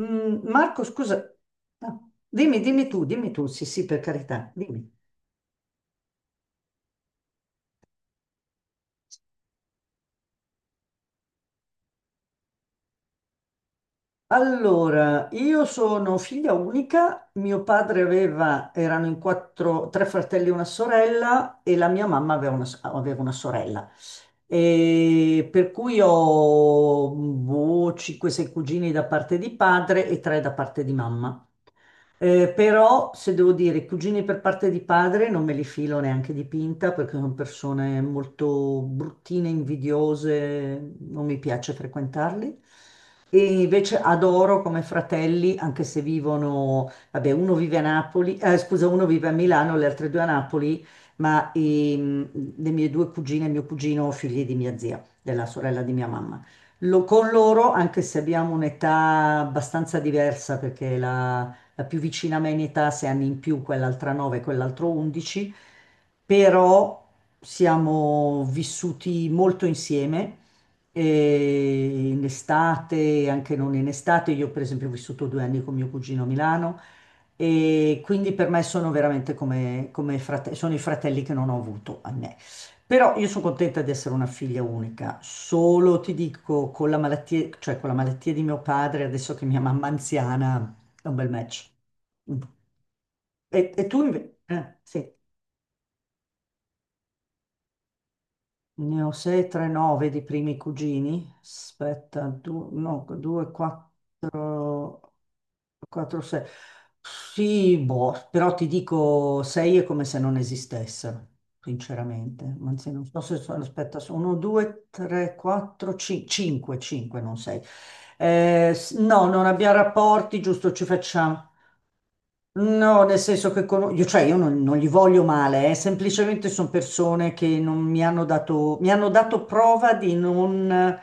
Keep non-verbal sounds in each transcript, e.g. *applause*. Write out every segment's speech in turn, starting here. Marco, scusa. Ah, dimmi, dimmi tu, sì, sì, per carità, dimmi. Allora, io sono figlia unica. Mio padre erano in quattro, tre fratelli e una sorella, e la mia mamma aveva una sorella. E per cui ho, boh, 5-6 cugini da parte di padre e 3 da parte di mamma. Però, se devo dire, i cugini per parte di padre non me li filo neanche di pinta, perché sono persone molto bruttine, invidiose. Non mi piace frequentarli. E invece adoro come fratelli, anche se vivono, vabbè, uno vive a Napoli, scusa, uno vive a Milano, le altre due a Napoli, ma le mie due cugine e mio cugino, figli di mia zia, della sorella di mia mamma. Con loro, anche se abbiamo un'età abbastanza diversa, perché la più vicina a me in età ha 6 anni in più, quell'altra 9, quell'altro 11, però siamo vissuti molto insieme. E in estate, anche non in estate, io per esempio ho vissuto 2 anni con mio cugino a Milano, e quindi per me sono veramente come sono i fratelli che non ho avuto a me. Però io sono contenta di essere una figlia unica, solo ti dico, con la malattia, cioè con la malattia di mio padre, adesso che mia mamma è anziana, è un bel match. E tu invece? Sì. Ne ho 6, 3, 9 di primi cugini. Aspetta, 2, no, 2, 4, 4, 6. Sì, boh, però ti dico 6 è come se non esistessero, sinceramente. Anzi, non so se sono, aspetta, sono 2, 3, 4, 5, 5, non 6. No, non abbiamo rapporti, giusto, ci facciamo. No, nel senso che io, cioè, io non, non gli voglio male, eh. Semplicemente sono persone che non mi hanno dato, mi hanno dato prova di non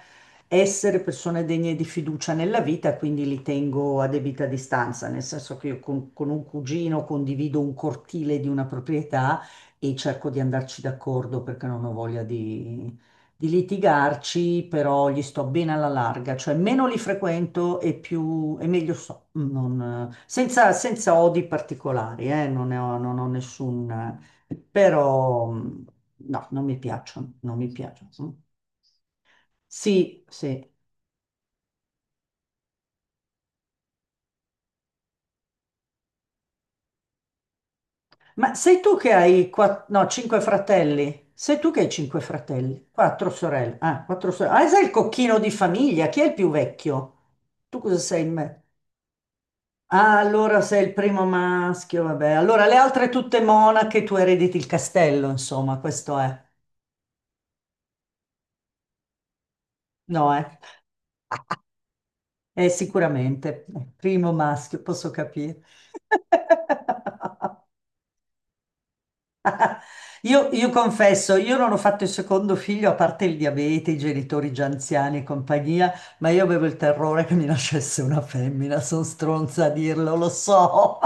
essere persone degne di fiducia nella vita, quindi li tengo a debita distanza, nel senso che io con un cugino condivido un cortile di una proprietà, e cerco di andarci d'accordo perché non ho voglia di litigarci, però gli sto bene alla larga, cioè meno li frequento e più e meglio so, senza odi particolari, non ne ho, non ho nessun, però no, non mi piacciono, non mi piacciono. Sì, sì. Ma sei tu che hai no, cinque fratelli? Sei tu che hai cinque fratelli? Quattro sorelle. Ah, quattro sorelle. Ah, sei il cocchino di famiglia. Chi è il più vecchio? Tu cosa sei in me? Ah, allora sei il primo maschio, vabbè. Allora le altre tutte monache, tu erediti il castello, insomma, questo è. No, eh? Sicuramente, primo maschio, posso capire. *laughs* Io confesso, io non ho fatto il secondo figlio, a parte il diabete, i genitori già anziani e compagnia, ma io avevo il terrore che mi nascesse una femmina. Sono stronza a dirlo, lo so.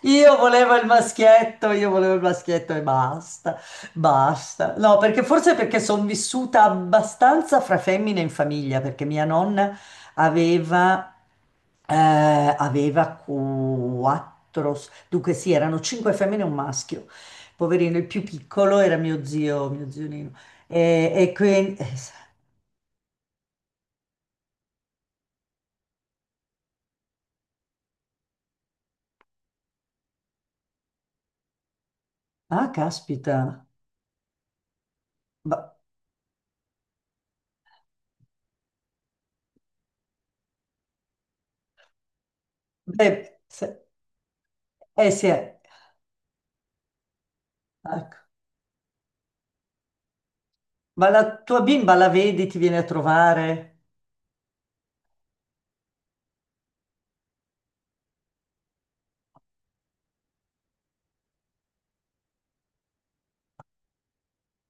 *laughs* Io volevo il maschietto, io volevo il maschietto, e basta, basta. No, perché forse perché sono vissuta abbastanza fra femmine in famiglia, perché mia nonna aveva... Eh, aveva quattro, dunque sì, erano cinque femmine e un maschio poverino. Il più piccolo era mio zio Nino. E quindi, ah, caspita. Ma- Beh, eh sì, ecco. Ma la tua bimba la vedi, ti viene a trovare?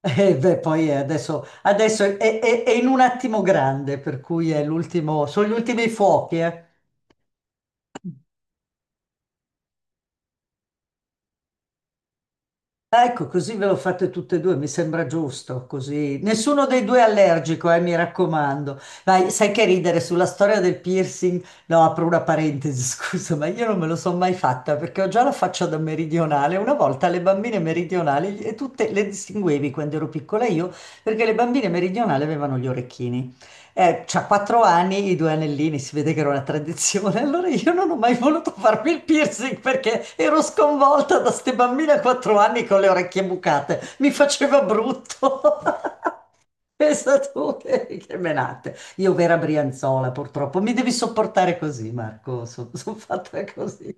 E beh, poi adesso è in un attimo grande, per cui è l'ultimo, sono gli ultimi fuochi, eh. Ecco, così ve lo fate tutte e due, mi sembra giusto, così. Nessuno dei due è allergico, mi raccomando. Vai, sai che ridere sulla storia del piercing? No, apro una parentesi, *laughs* scusa, ma io non me lo sono mai fatta perché ho già la faccia da meridionale. Una volta, le bambine meridionali, e tutte le distinguevi quando ero piccola io, perché le bambine meridionali avevano gli orecchini. C'ha 4 anni, i due anellini, si vede che era una tradizione. *laughs* Allora io non ho mai voluto farmi il piercing perché ero sconvolta da ste bambine a 4 anni con le orecchie bucate. Mi faceva brutto. *laughs* Pensa tu che menate. Io vera Brianzola, purtroppo. Mi devi sopportare così, Marco. Sono fatta così.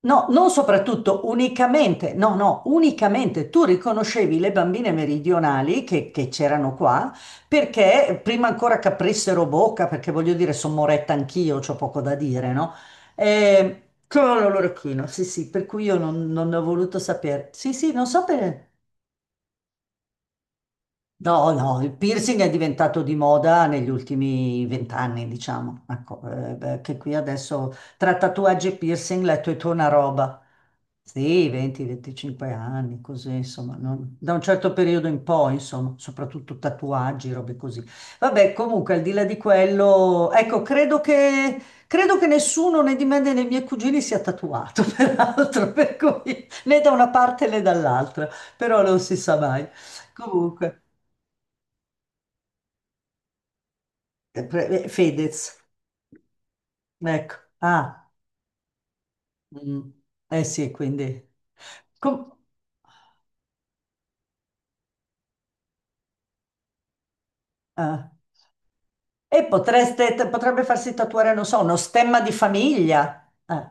No, non soprattutto, unicamente. No, no, unicamente tu riconoscevi le bambine meridionali che c'erano qua, perché prima ancora che aprissero bocca, perché voglio dire, sono moretta anch'io, c'ho poco da dire, no? Con l'orecchino, sì, sì, per cui io non, non ne ho voluto sapere. Sì, sì, non so per... No, no, il piercing è diventato di moda negli ultimi vent'anni, diciamo, ecco, beh, che qui adesso tra tatuaggi e piercing letto e tu una roba. Sì, 20-25 anni, così, insomma, da un certo periodo in poi, insomma, soprattutto tatuaggi, robe così. Vabbè, comunque, al di là di quello, ecco, credo che nessuno né di me né dei miei cugini sia tatuato, *laughs* peraltro, per cui né da una parte né dall'altra, però non si sa mai. Comunque. Fedez, ecco. Ah, mm. Eh sì, quindi... Com- ah. E potreste, potrebbe farsi tatuare, non so, uno stemma di famiglia.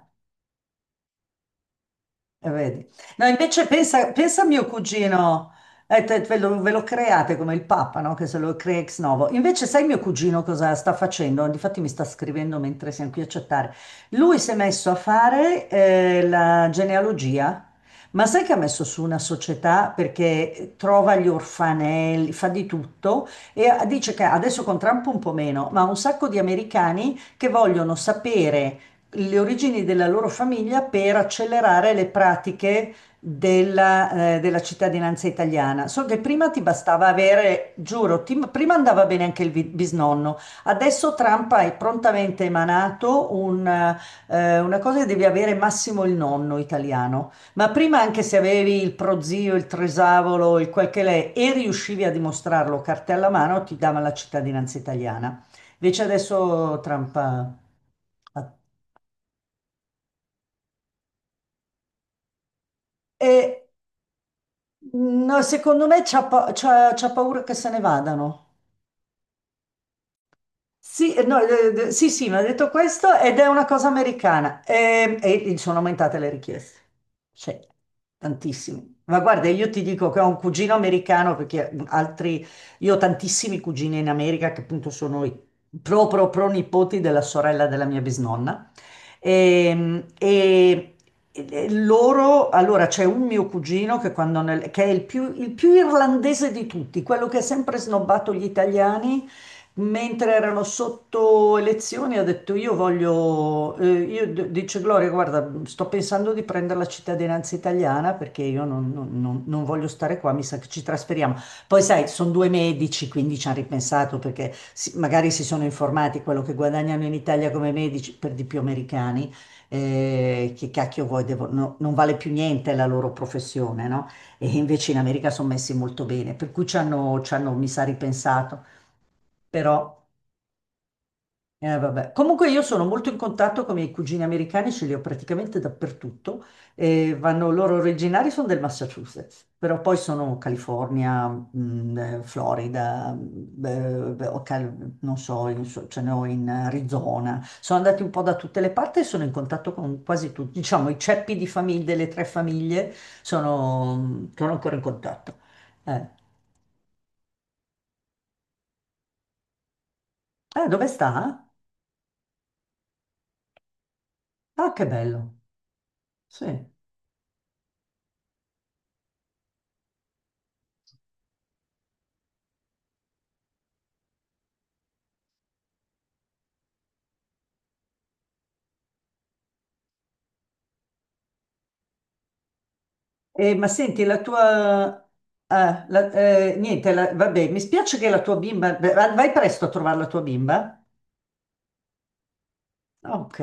Vedi. No, invece pensa, pensa a mio cugino, ve lo create come il Papa, no? Che se lo crea ex novo. Invece sai mio cugino cosa sta facendo? Difatti mi sta scrivendo mentre siamo qui a chattare. Lui si è messo a fare la genealogia, ma sai che ha messo su una società perché trova gli orfanelli, fa di tutto, e dice che adesso con Trump un po' meno, ma un sacco di americani che vogliono sapere le origini della loro famiglia per accelerare le pratiche della cittadinanza italiana. So che prima ti bastava avere, giuro, prima andava bene anche il bisnonno. Adesso Trump ha prontamente emanato una cosa, che devi avere massimo il nonno italiano. Ma prima, anche se avevi il prozio, il tresavolo, il quel che l'è, e riuscivi a dimostrarlo cartella a mano, ti dava la cittadinanza italiana. Invece adesso Trump ha E, no, secondo me c'ha paura che se ne vadano. Sì, no, sì, sì, mi ha detto questo, ed è una cosa americana. E sono aumentate le richieste. Sì, tantissimi. Ma guarda, io ti dico che ho un cugino americano perché altri, io ho tantissimi cugini in America, che appunto sono i pro pro pro nipoti della sorella della mia bisnonna. E, e- e loro, allora c'è un mio cugino che, che è il più irlandese di tutti, quello che ha sempre snobbato gli italiani, mentre erano sotto elezioni, ha detto: Io voglio. Io d- dice Gloria, guarda, sto pensando di prendere la cittadinanza italiana, perché io non, non- non- non voglio stare qua, mi sa che ci trasferiamo. Poi, sai, sono due medici, quindi ci hanno ripensato, perché magari si sono informati quello che guadagnano in Italia come medici, per di più americani. Eh, che cacchio vuoi, no, non vale più niente la loro professione, no? E invece in America sono messi molto bene, per cui ci hanno, mi sa, ripensato. Però. Vabbè. Comunque, io sono molto in contatto con i miei cugini americani, ce li ho praticamente dappertutto. E vanno, loro originari sono del Massachusetts, però poi sono California, Florida, beh, o non so, ce ne ho in Arizona. Sono andati un po' da tutte le parti, e sono in contatto con quasi tutti. Diciamo, i ceppi di famiglie, delle tre famiglie, sono ancora in contatto. Eh. Ah, dove sta? Ah, che bello. Sì. Ma senti, la tua... ah, niente, vabbè, mi spiace che la tua bimba... Vai presto a trovare la tua bimba? Ok.